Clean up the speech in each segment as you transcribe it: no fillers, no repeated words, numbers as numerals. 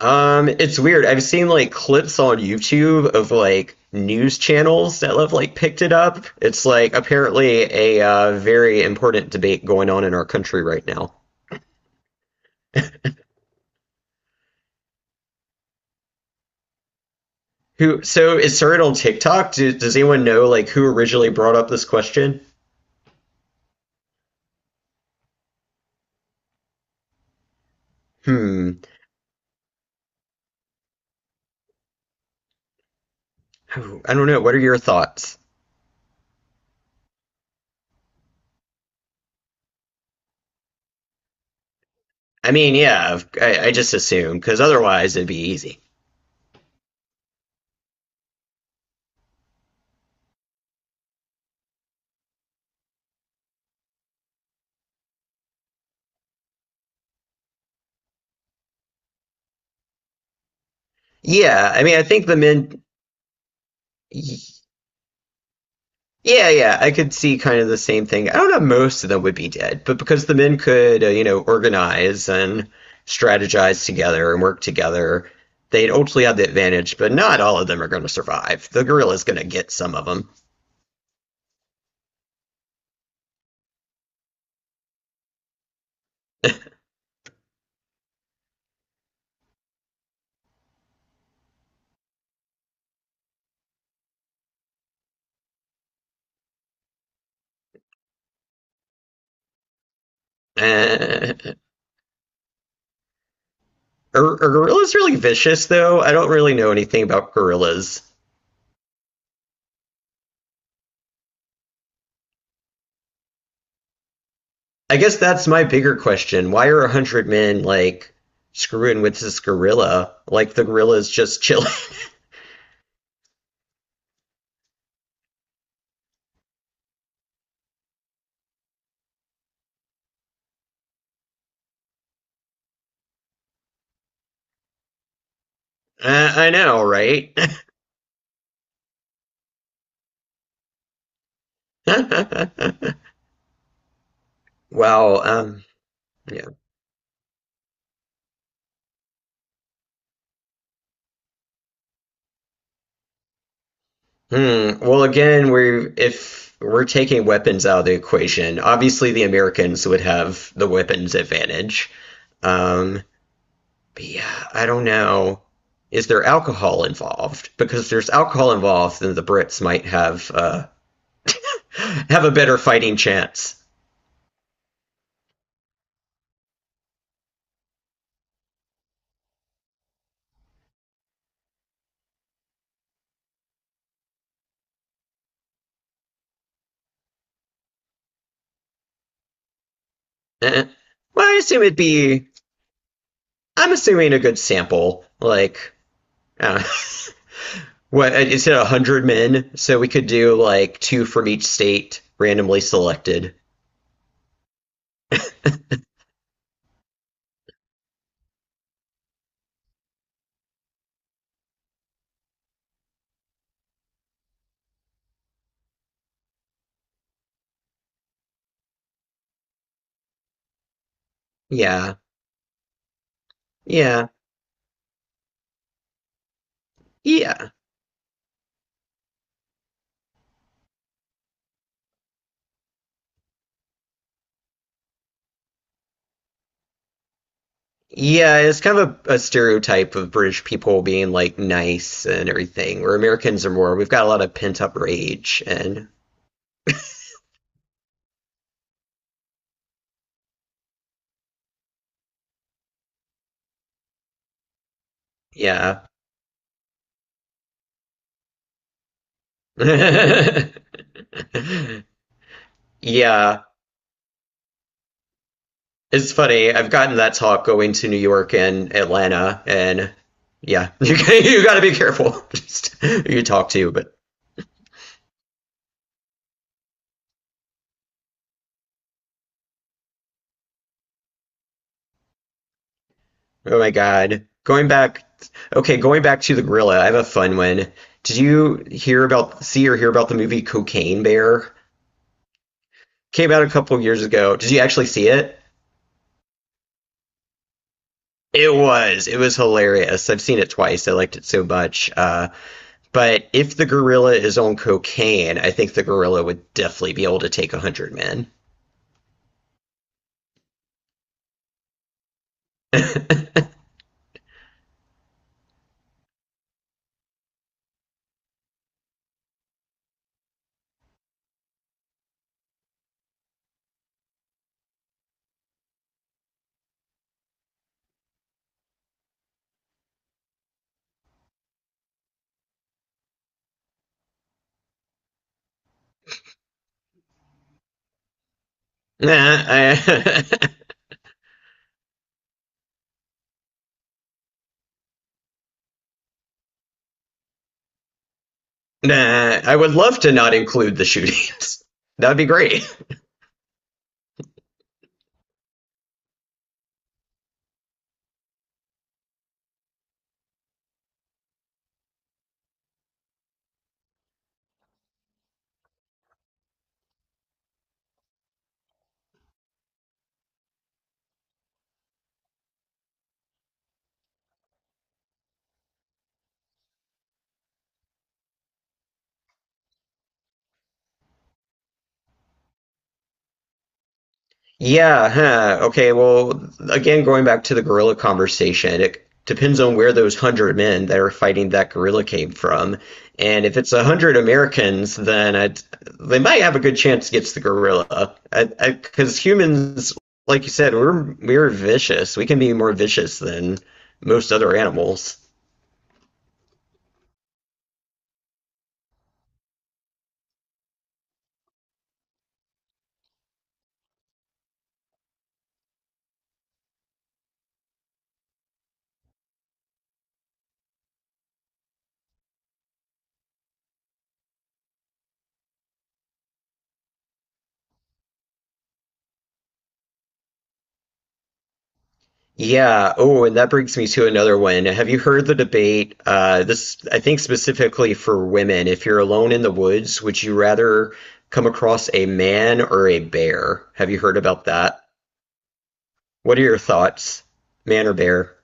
It's weird. I've seen like clips on YouTube of like news channels that have like picked it up. It's like apparently a very important debate going on in our country right now. So it started on TikTok. Does anyone know like who originally brought up this question? Hmm. Oh, I don't know. What are your thoughts? I mean, yeah, I just assume because otherwise it'd be easy. Yeah, I mean, I think the men. Yeah, yeah, I could see kind of the same thing. I don't know if most of them would be dead, but because the men could, you know, organize and strategize together and work together, they'd ultimately have the advantage, but not all of them are going to survive. The gorilla's going to get some of them. Uh, are gorillas really vicious, though? I don't really know anything about gorillas. I guess that's my bigger question. Why are 100 men, like, screwing with this gorilla? Like, the gorilla's just chilling. I know, right? Well, yeah. Hmm. Well, again, we're if we're taking weapons out of the equation, obviously the Americans would have the weapons advantage. Um, but yeah, I don't know. Is there alcohol involved? Because if there's alcohol involved, then the Brits might have have a better fighting chance. Eh. Well, I assume it'd be. I'm assuming a good sample, like. I don't know. What, you said 100 men, so we could do like two from each state randomly selected. Yeah, yeah, yeah. Yeah, it's kind of a stereotype of British people being like nice and everything, where Americans are more, we've got a lot of pent up rage and yeah. Yeah, it's funny. I've gotten that talk going to New York and Atlanta and yeah, you got to be careful just who you talk to, but oh my God. Going back, okay, going back to the gorilla, I have a fun one. Did you hear about, see or hear about the movie Cocaine Bear? Came out a couple years ago. Did you actually see it? It was. It was hilarious. I've seen it twice. I liked it so much. But if the gorilla is on cocaine, I think the gorilla would definitely be able to take 100 men. Nah, I, nah, I would love to not include the shootings. That'd be great. Yeah, huh. Okay, well, again, going back to the gorilla conversation, it depends on where those 100 men that are fighting that gorilla came from. And if it's 100 Americans, then they might have a good chance against the gorilla. Because humans, like you said, we're vicious. We can be more vicious than most other animals. Yeah. Oh, and that brings me to another one. Have you heard the debate? This, I think, specifically for women. If you're alone in the woods, would you rather come across a man or a bear? Have you heard about that? What are your thoughts? Man or bear?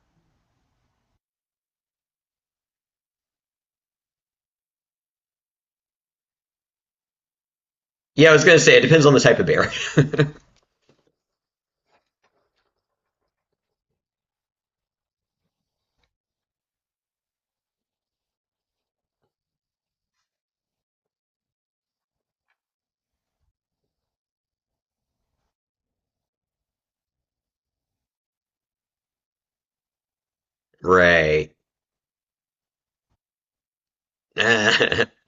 Yeah, I was gonna say it depends on the type of bear. Right.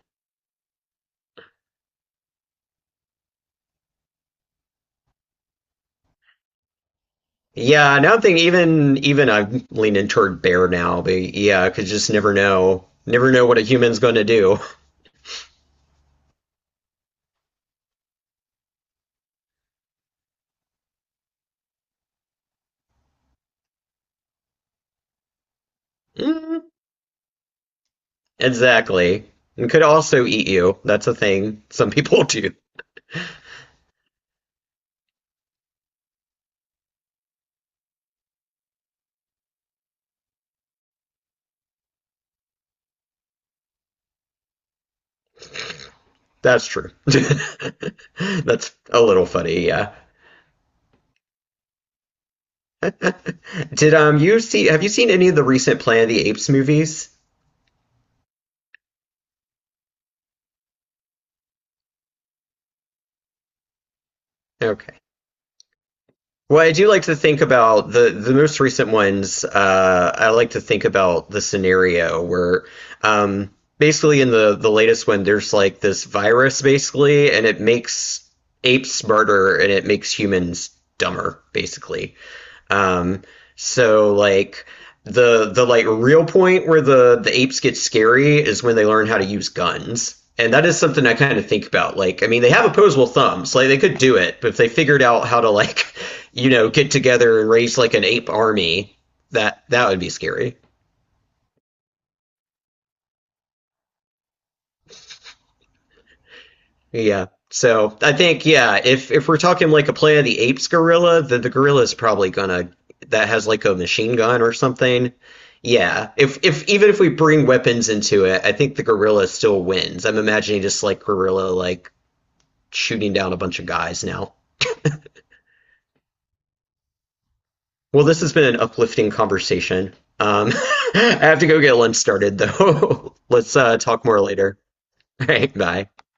Yeah, now I'm thinking even I'm leaning toward bear now, but yeah, I could just never know. Never know what a human's gonna do. Mm, exactly. And could also eat you. That's a thing some people do. That's true. That's a little funny, yeah. Did have you seen any of the recent Planet of the Apes movies? Okay. Well, I do like to think about the most recent ones. I like to think about the scenario where, um, basically in the latest one, there's like this virus basically, and it makes apes smarter and it makes humans dumber, basically. Um, so like the like real point where the apes get scary is when they learn how to use guns. And that is something I kind of think about. Like, I mean, they have opposable thumbs. Like, they could do it, but if they figured out how to, like, you know, get together and raise like an ape army, that would be scary. Yeah. So I think, yeah, if we're talking like a Planet of the Apes gorilla, then the gorilla is probably gonna that has like a machine gun or something. Yeah. If even if we bring weapons into it, I think the gorilla still wins. I'm imagining just like gorilla like shooting down a bunch of guys now. Well, this has been an uplifting conversation. I have to go get lunch started though. Let's talk more later. All right, bye.